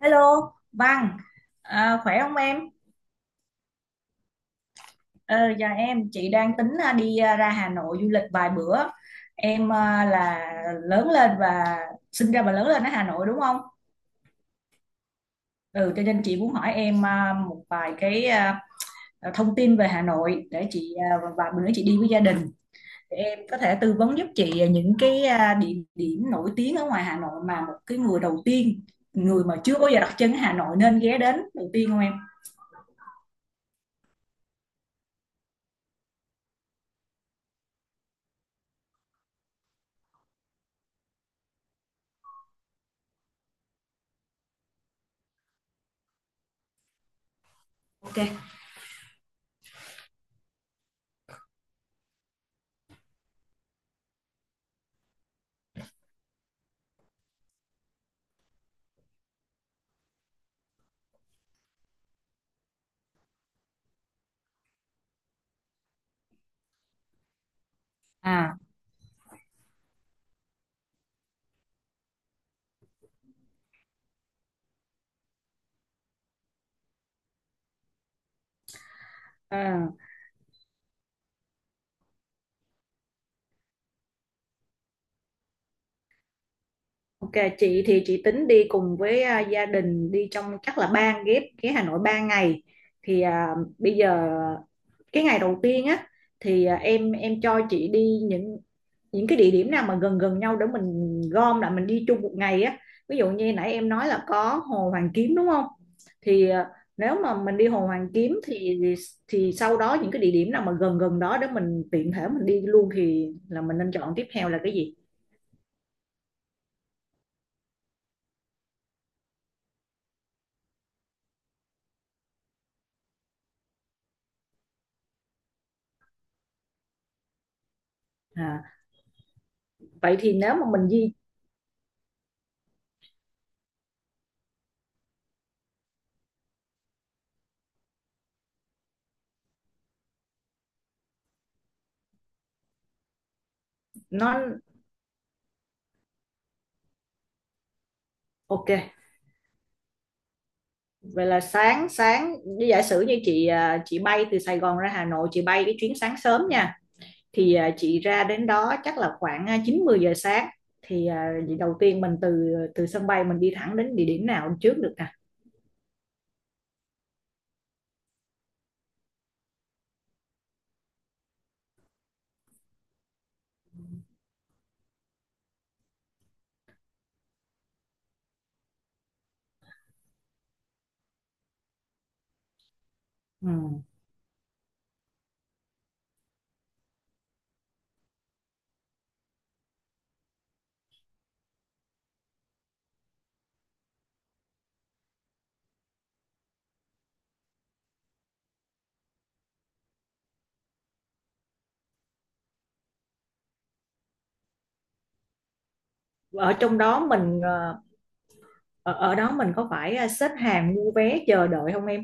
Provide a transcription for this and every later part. Hello, Văn, khỏe không em? Ờ, dạ em, chị đang tính đi ra Hà Nội du lịch vài bữa. Em à, là lớn lên và sinh ra và lớn lên ở Hà Nội đúng không? Ừ, cho nên chị muốn hỏi em một vài cái thông tin về Hà Nội để chị và bữa nữa chị đi với gia đình. Để em có thể tư vấn giúp chị những cái địa điểm nổi tiếng ở ngoài Hà Nội mà một cái người đầu tiên, người mà chưa bao giờ đặt chân ở Hà Nội nên ghé đến đầu tiên không em? Ok. À. Ok, chị tính đi cùng với gia đình đi trong chắc là ba ghép cái Hà Nội 3 ngày thì bây giờ cái ngày đầu tiên á thì em cho chị đi những cái địa điểm nào mà gần gần nhau để mình gom lại mình đi chung một ngày á, ví dụ như nãy em nói là có Hồ Hoàn Kiếm đúng không, thì nếu mà mình đi Hồ Hoàn Kiếm thì sau đó những cái địa điểm nào mà gần gần đó để mình tiện thể mình đi luôn thì là mình nên chọn tiếp theo là cái gì? À, vậy thì nếu mà mình di nó ok, vậy là sáng sáng như giả sử như chị bay từ Sài Gòn ra Hà Nội, chị bay cái chuyến sáng sớm nha, thì chị ra đến đó chắc là khoảng 9 10 giờ sáng, thì vậy đầu tiên mình từ từ sân bay mình đi thẳng đến địa điểm nào trước được nè? Ừ. ở trong đó mình à, Ở, ở đó mình có phải xếp hàng mua vé chờ đợi không em?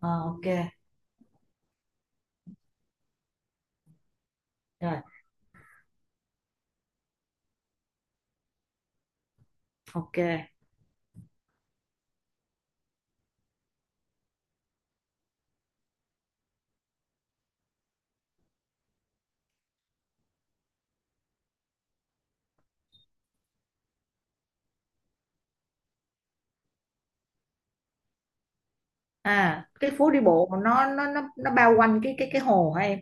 Ờ, ok. Rồi. Ok. À, cái phố đi bộ mà nó bao quanh cái hồ hả em?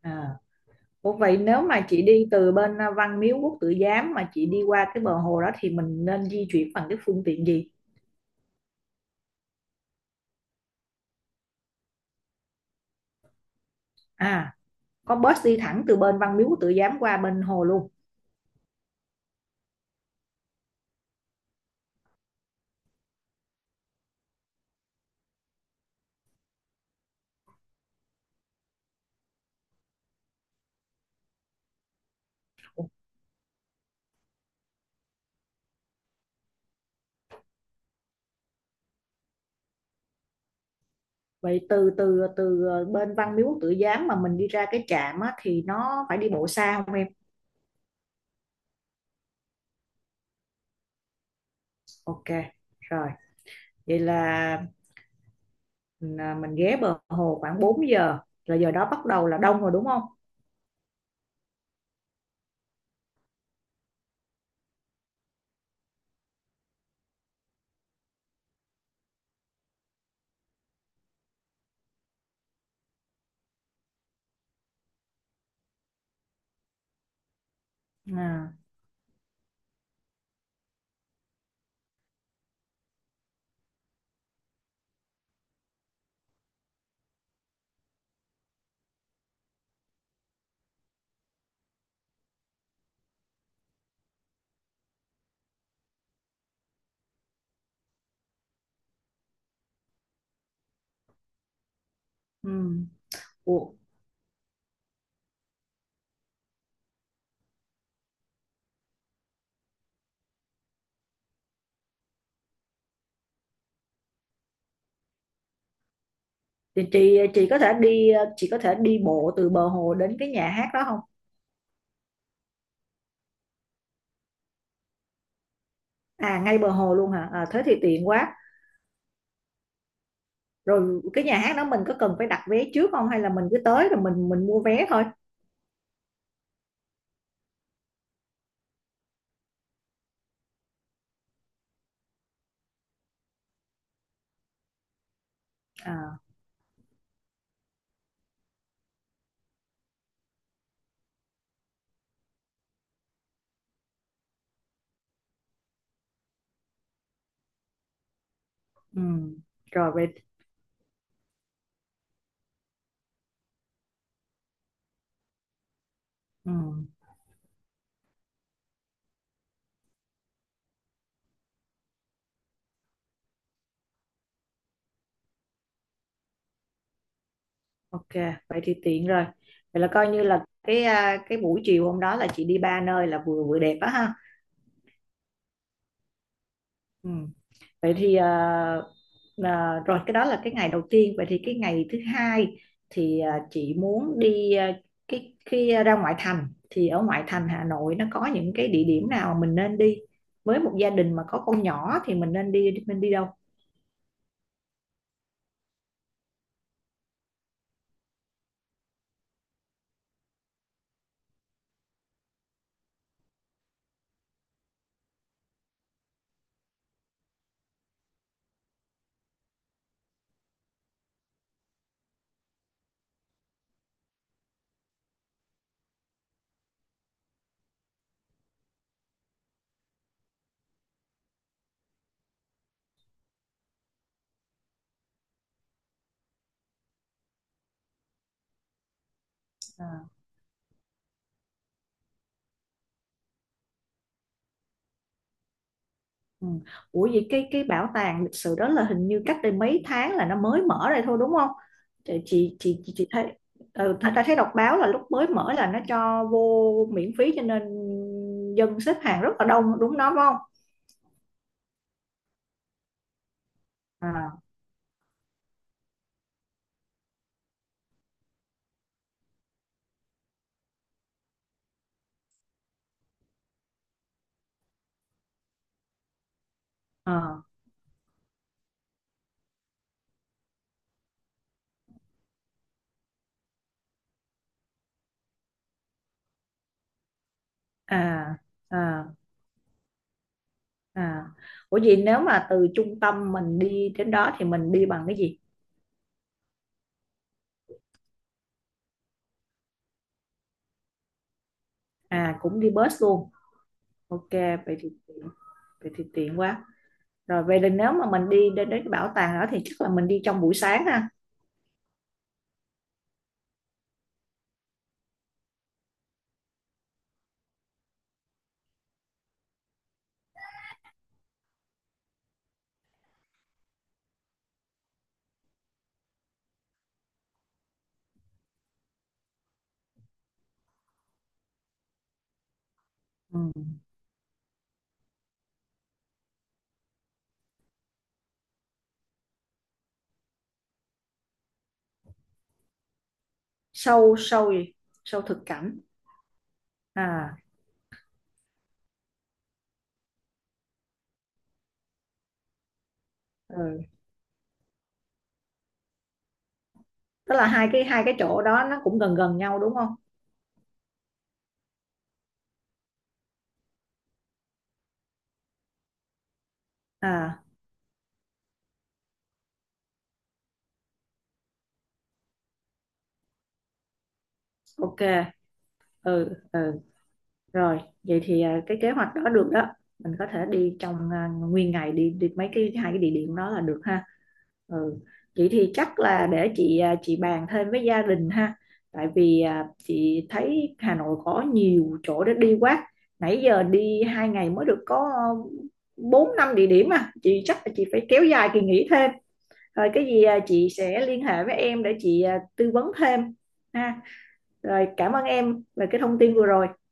À. Ủa vậy nếu mà chị đi từ bên Văn Miếu Quốc Tử Giám mà chị đi qua cái bờ hồ đó thì mình nên di chuyển bằng cái phương tiện gì? À, có bus đi thẳng từ bên Văn Miếu Quốc Tử Giám qua bên hồ luôn. Ủa, vậy từ từ từ à, bên Văn Miếu Quốc Tử Giám mà mình đi ra cái trạm á, thì nó phải đi bộ xa không em? Ok, rồi. Vậy là mình, à, mình ghé bờ hồ khoảng 4 giờ. Là giờ đó bắt đầu là đông rồi đúng không? À, ừ. Ủa, thì chị có thể đi chị có thể đi bộ từ bờ hồ đến cái nhà hát đó không? À ngay bờ hồ luôn hả? À, thế thì tiện quá. Rồi cái nhà hát đó mình có cần phải đặt vé trước không hay là mình cứ tới rồi mình mua vé thôi? À ừ. Rồi vậy ừ. Ok, vậy thì tiện rồi. Vậy là coi như là cái cái buổi chiều hôm đó là chị đi ba nơi là vừa vừa đẹp á ha. Ừ. Vậy thì rồi cái đó là cái ngày đầu tiên, vậy thì cái ngày thứ hai thì chị muốn đi cái khi ra ngoại thành thì ở ngoại thành Hà Nội nó có những cái địa điểm nào mình nên đi với một gia đình mà có con nhỏ thì mình nên đi mình đi đâu? À. Ừ. Ủa vậy cái bảo tàng lịch sử đó là hình như cách đây mấy tháng là nó mới mở ra thôi đúng không? Chị thấy ừ, ta thấy đọc báo là lúc mới mở là nó cho vô miễn phí, cho nên dân xếp hàng rất là đông đúng đó phải không? À à à à. à. Ủa vậy nếu mà từ trung tâm mình đi đến đó thì mình đi bằng cái gì? À cũng đi bus luôn. Ok vậy thì tiện, vậy thì tiện quá. Rồi vậy thì nếu mà mình đi đến đến cái bảo tàng đó thì chắc là mình đi trong buổi sáng ha. Ừ. sâu sâu gì Sâu thực cảnh à. Ừ. Tức là hai cái chỗ đó nó cũng gần gần nhau đúng không? À ok. Ừ ừ. Rồi, vậy thì cái kế hoạch đó được đó. Mình có thể đi trong nguyên ngày đi đi mấy cái hai cái địa điểm đó là được ha. Ừ. Vậy thì chắc là để chị chị bàn thêm với gia đình ha. Tại vì chị thấy Hà Nội có nhiều chỗ để đi quá. Nãy giờ đi hai ngày mới được có bốn năm địa điểm à. Chị chắc là chị phải kéo dài kỳ nghỉ thêm. Rồi cái gì chị sẽ liên hệ với em để chị tư vấn thêm ha. Rồi cảm ơn em về cái thông tin vừa rồi.